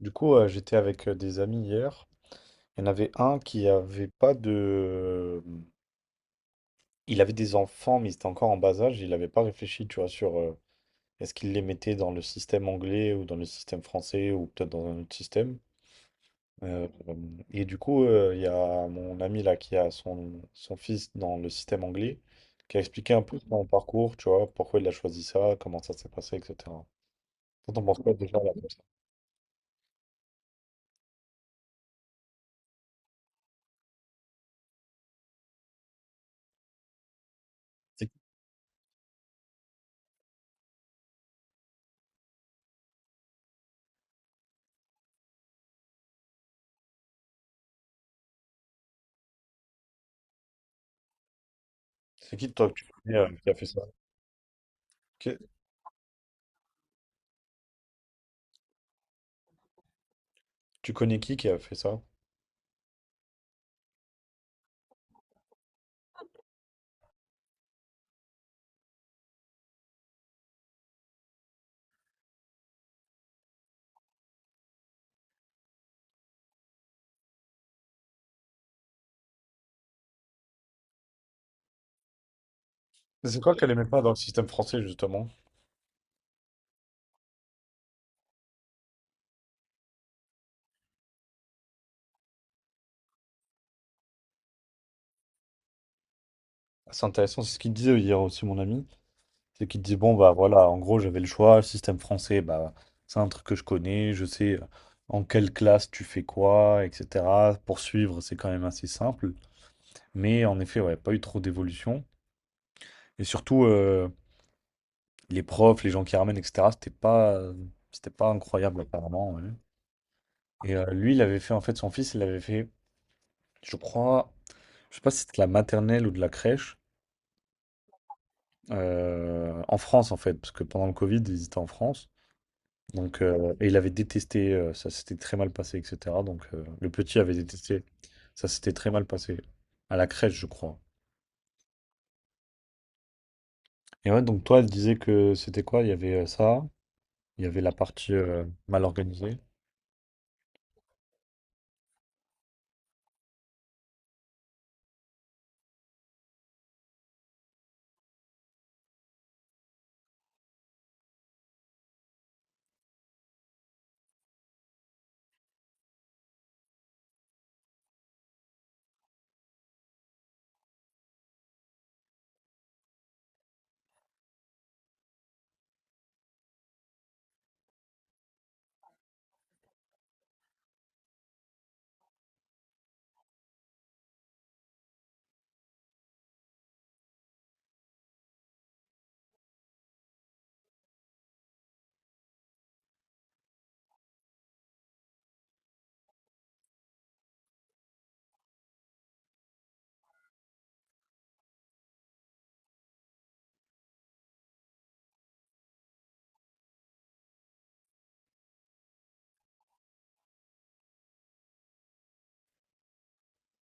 Du coup, j'étais avec des amis hier. Il y en avait un qui avait pas de. Mmh, Il avait des enfants, mais ils étaient encore en bas âge. Il n'avait pas réfléchi, tu vois, sur est-ce qu'il les mettait dans le système anglais ou dans le système français ou peut-être dans un autre système. Euh, et du coup, il y a mon ami là qui a son fils dans le système anglais, qui a expliqué un peu son parcours, tu vois, pourquoi il a choisi ça, comment ça s'est passé, etc. Toi, t'en penses quoi déjà là comme ça? C'est c'est qui toi que tu connais qui a fait ça? Que- Tu connais qui a fait ça? Mais c'est quoi qu'elle aimait pas dans le système français, justement? C'est intéressant, c'est ce qu'il disait hier aussi, mon ami. C'est qu'il disait, bon, bah voilà, en gros, j'avais le choix, le système français, bah, c'est un truc que je connais, je sais, en quelle classe tu fais quoi, etc. Poursuivre, c'est quand même assez simple. Mais en effet, ouais, pas eu trop d'évolution. Et surtout, les profs, les gens qui ramènent, etc., c'était pas incroyable, apparemment. Ouais. Et lui, il avait fait, en fait, son fils, il avait fait, je crois, je sais pas si c'était de la maternelle ou de la crèche. En France, en fait, parce que pendant le Covid, ils étaient en France. Donc et il avait détesté, ça s'était très mal passé et cetera. Le petit avait détesté, ça s'était très mal passé. À la crèche, je crois. Et ouais, donc toi, elle disait que c'était quoi? Il y avait, ça, il y avait la partie, mal organisée.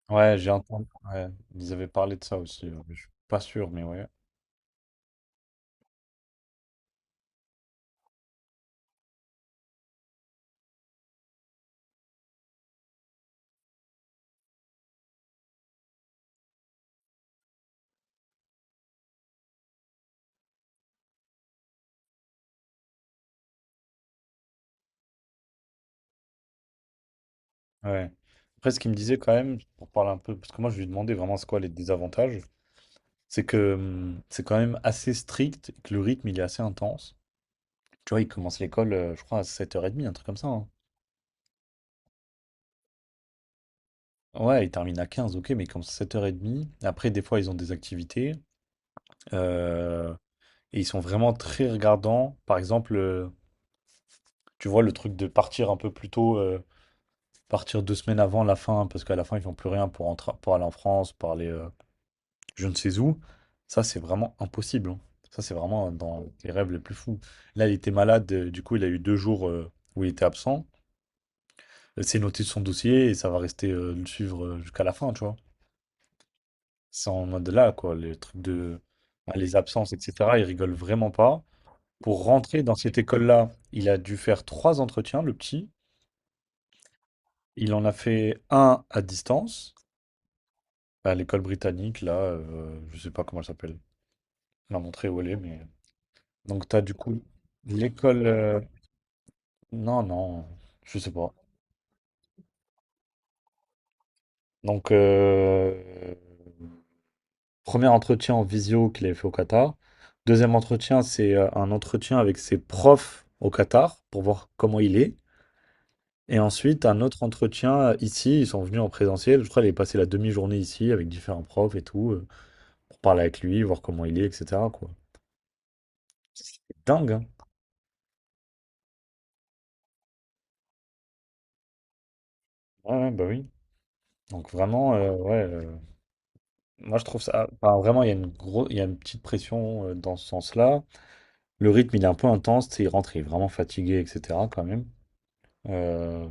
Ouais, j'ai entendu, ouais. Ils avaient parlé de ça aussi, mais je suis pas sûr, mais ouais. Ouais. Après, ce qu'il me disait quand même, pour parler un peu, parce que moi je lui ai demandé vraiment c'est quoi les désavantages, c'est que c'est quand même assez strict, et que le rythme il est assez intense. Tu vois, il commence l'école, je crois, à 7h30, un truc comme ça, hein. Ouais, il termine à 15 ok, mais il commence à 7h30. Après, des fois, ils ont des activités. euh, et ils sont vraiment très regardants. Par exemple, tu vois, le truc de partir un peu plus tôt, partir 2 semaines avant la fin, parce qu'à la fin, ils font plus rien pour, entrer pour aller en France, pour aller. Je ne sais où, ça c'est vraiment impossible, hein. Ça c'est vraiment dans les rêves les plus fous. Là, il était malade, du coup, il a eu 2 jours, où il était absent. C'est noté sur son dossier et ça va rester, le suivre, jusqu'à la fin, tu vois. C'est en mode là, quoi, les trucs de bah, les absences, etc. Il rigole vraiment pas. Pour rentrer dans cette école-là, il a dû faire trois entretiens, le petit. Il en a fait un à distance, à l'école britannique, là, je sais pas comment elle s'appelle. Elle a montré où elle est, mais. Donc, tu as du coup l'école. Non, non, je sais pas. Donc, premier entretien en visio qu'il avait fait au Qatar. Deuxième entretien, c'est un entretien avec ses profs au Qatar pour voir comment il est. Et ensuite, un autre entretien, ici. Ils sont venus en présentiel. Je crois qu'il est passé la demi-journée ici avec différents profs et tout, pour parler avec lui, voir comment il est, etc., quoi. C'est dingue, hein. Ouais, ouais, bah oui. Donc vraiment, ouais, moi je trouve ça. Enfin, vraiment, il y a une gros, il y a une petite pression, dans ce sens-là. Le rythme, il est un peu intense, tu sais, il rentre, il est vraiment fatigué, etc. quand même. Euh,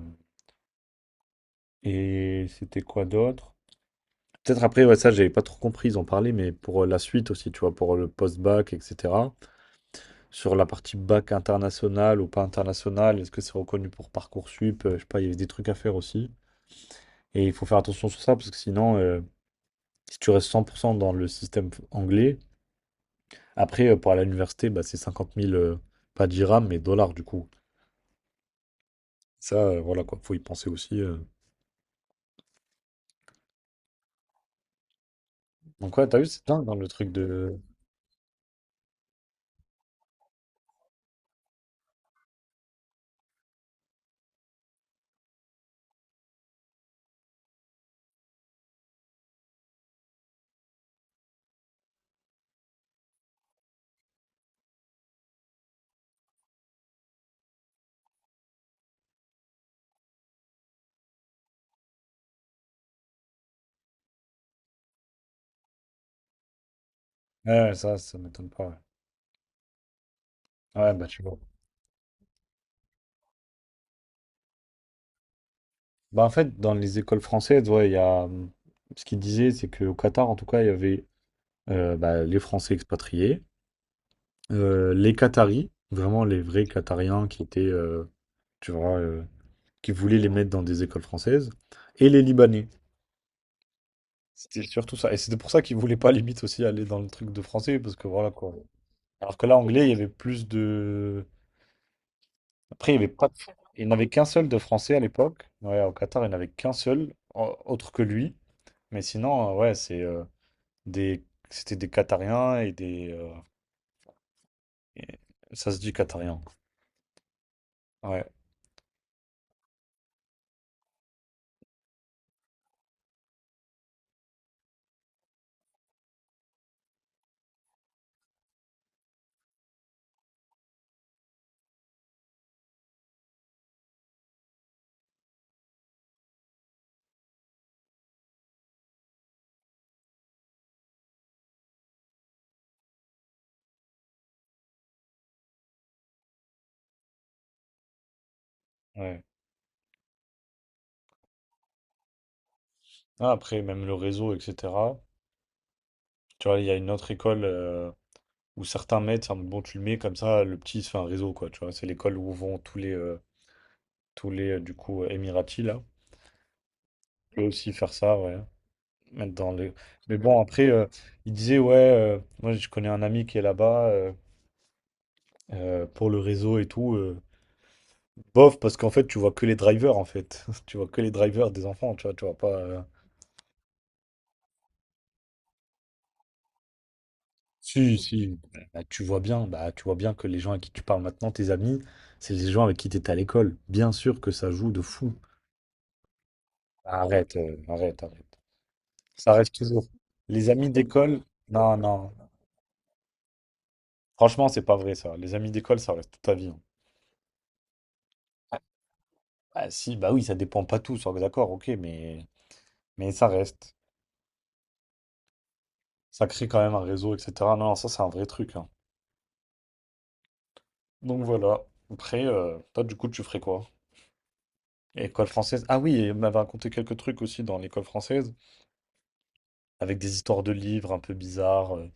et c'était quoi d'autre? Peut-être après, ouais, ça, j'avais pas trop compris, ils ont parlé, mais pour la suite aussi, tu vois, pour le post-bac, etc. Sur la partie bac international ou pas international, est-ce que c'est reconnu pour Parcoursup? Je sais pas, il y avait des trucs à faire aussi. Et il faut faire attention sur ça, parce que sinon, si tu restes 100% dans le système anglais, après, pour aller à l'université, bah, c'est 50 000, pas dirhams, mais dollars, du coup. Ça, voilà, quoi, faut y penser aussi. Donc ouais, t'as vu, c'est dingue dans le truc de... Ouais, ouais, ça m'étonne pas. Ouais. Ouais, bah tu vois. Bah en fait, dans les écoles françaises, ouais, il y a... Ce qu'ils disaient, c'est qu'au Qatar, en tout cas, il y avait bah, les Français expatriés, les Qataris, vraiment les vrais Qatariens qui étaient, tu vois, qui voulaient les mettre dans des écoles françaises, et les Libanais. C'était surtout ça. Et c'était pour ça qu'ils voulaient pas, limite, aussi aller dans le truc de français, parce que voilà, quoi. Alors que là, anglais, il y avait plus de... Après, il n'y avait pas de- il n'avait qu'un seul de français à l'époque. Ouais, au Qatar, il n'avait qu'un seul, autre que lui. Mais sinon, ouais, c'est des... c'était des Qatariens et et- Ça se dit Qatarien. Ouais, ouais. Ah, après, même le réseau, etc. Tu vois, il y a une autre école, où certains mettent, c'est en mode, bon, tu le mets comme ça, le petit, il se fait un réseau, quoi. Tu vois, c'est l'école où vont tous les, Émiratis, là. Tu peux aussi faire ça, ouais. Mettre dans le... Mais bon, après, il disait, ouais, moi je connais un ami qui est là-bas, pour le réseau et tout. Bof, parce qu'en fait, tu vois que les drivers, en fait. Tu vois que les drivers des enfants, tu vois pas. Si, si. Bah, tu vois bien, bah, tu vois bien que les gens à qui tu parles maintenant, tes amis, c'est les gens avec qui tu étais à l'école. Bien sûr que ça joue de fou. Arrête, arrête, arrête. Ça reste toujours. Les amis d'école, non, non. Franchement, c'est pas vrai ça. Les amis d'école, ça reste toute ta vie, hein. Ah si, bah oui, ça dépend pas tous, hein, d'accord, ok, mais ça reste. Ça crée quand même un réseau, etc. Non, non, ça c'est un vrai truc, hein. Donc voilà. Après, toi du coup, tu ferais quoi? École française. Ah oui, et on m'avait raconté quelques trucs aussi dans l'école française, avec des histoires de livres un peu bizarres.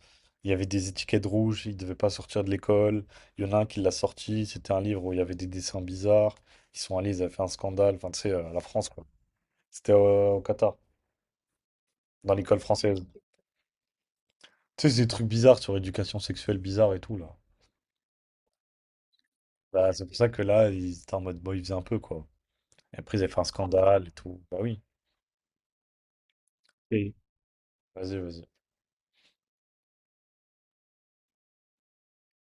Il y avait des étiquettes rouges, il devait pas sortir de l'école. Il y en a un qui l'a sorti, c'était un livre où il y avait des dessins bizarres. Ils sont allés, ils avaient fait un scandale. Enfin, tu sais, la France, quoi. C'était au Qatar, dans l'école française. Tu sais, c'est des trucs bizarres sur l'éducation sexuelle bizarre et tout, là. Bah, c'est pour ça que là, ils étaient en mode, bon, ils faisaient un peu, quoi. Et après, ils avaient fait un scandale et tout. Bah oui. Et vas-y, vas-y.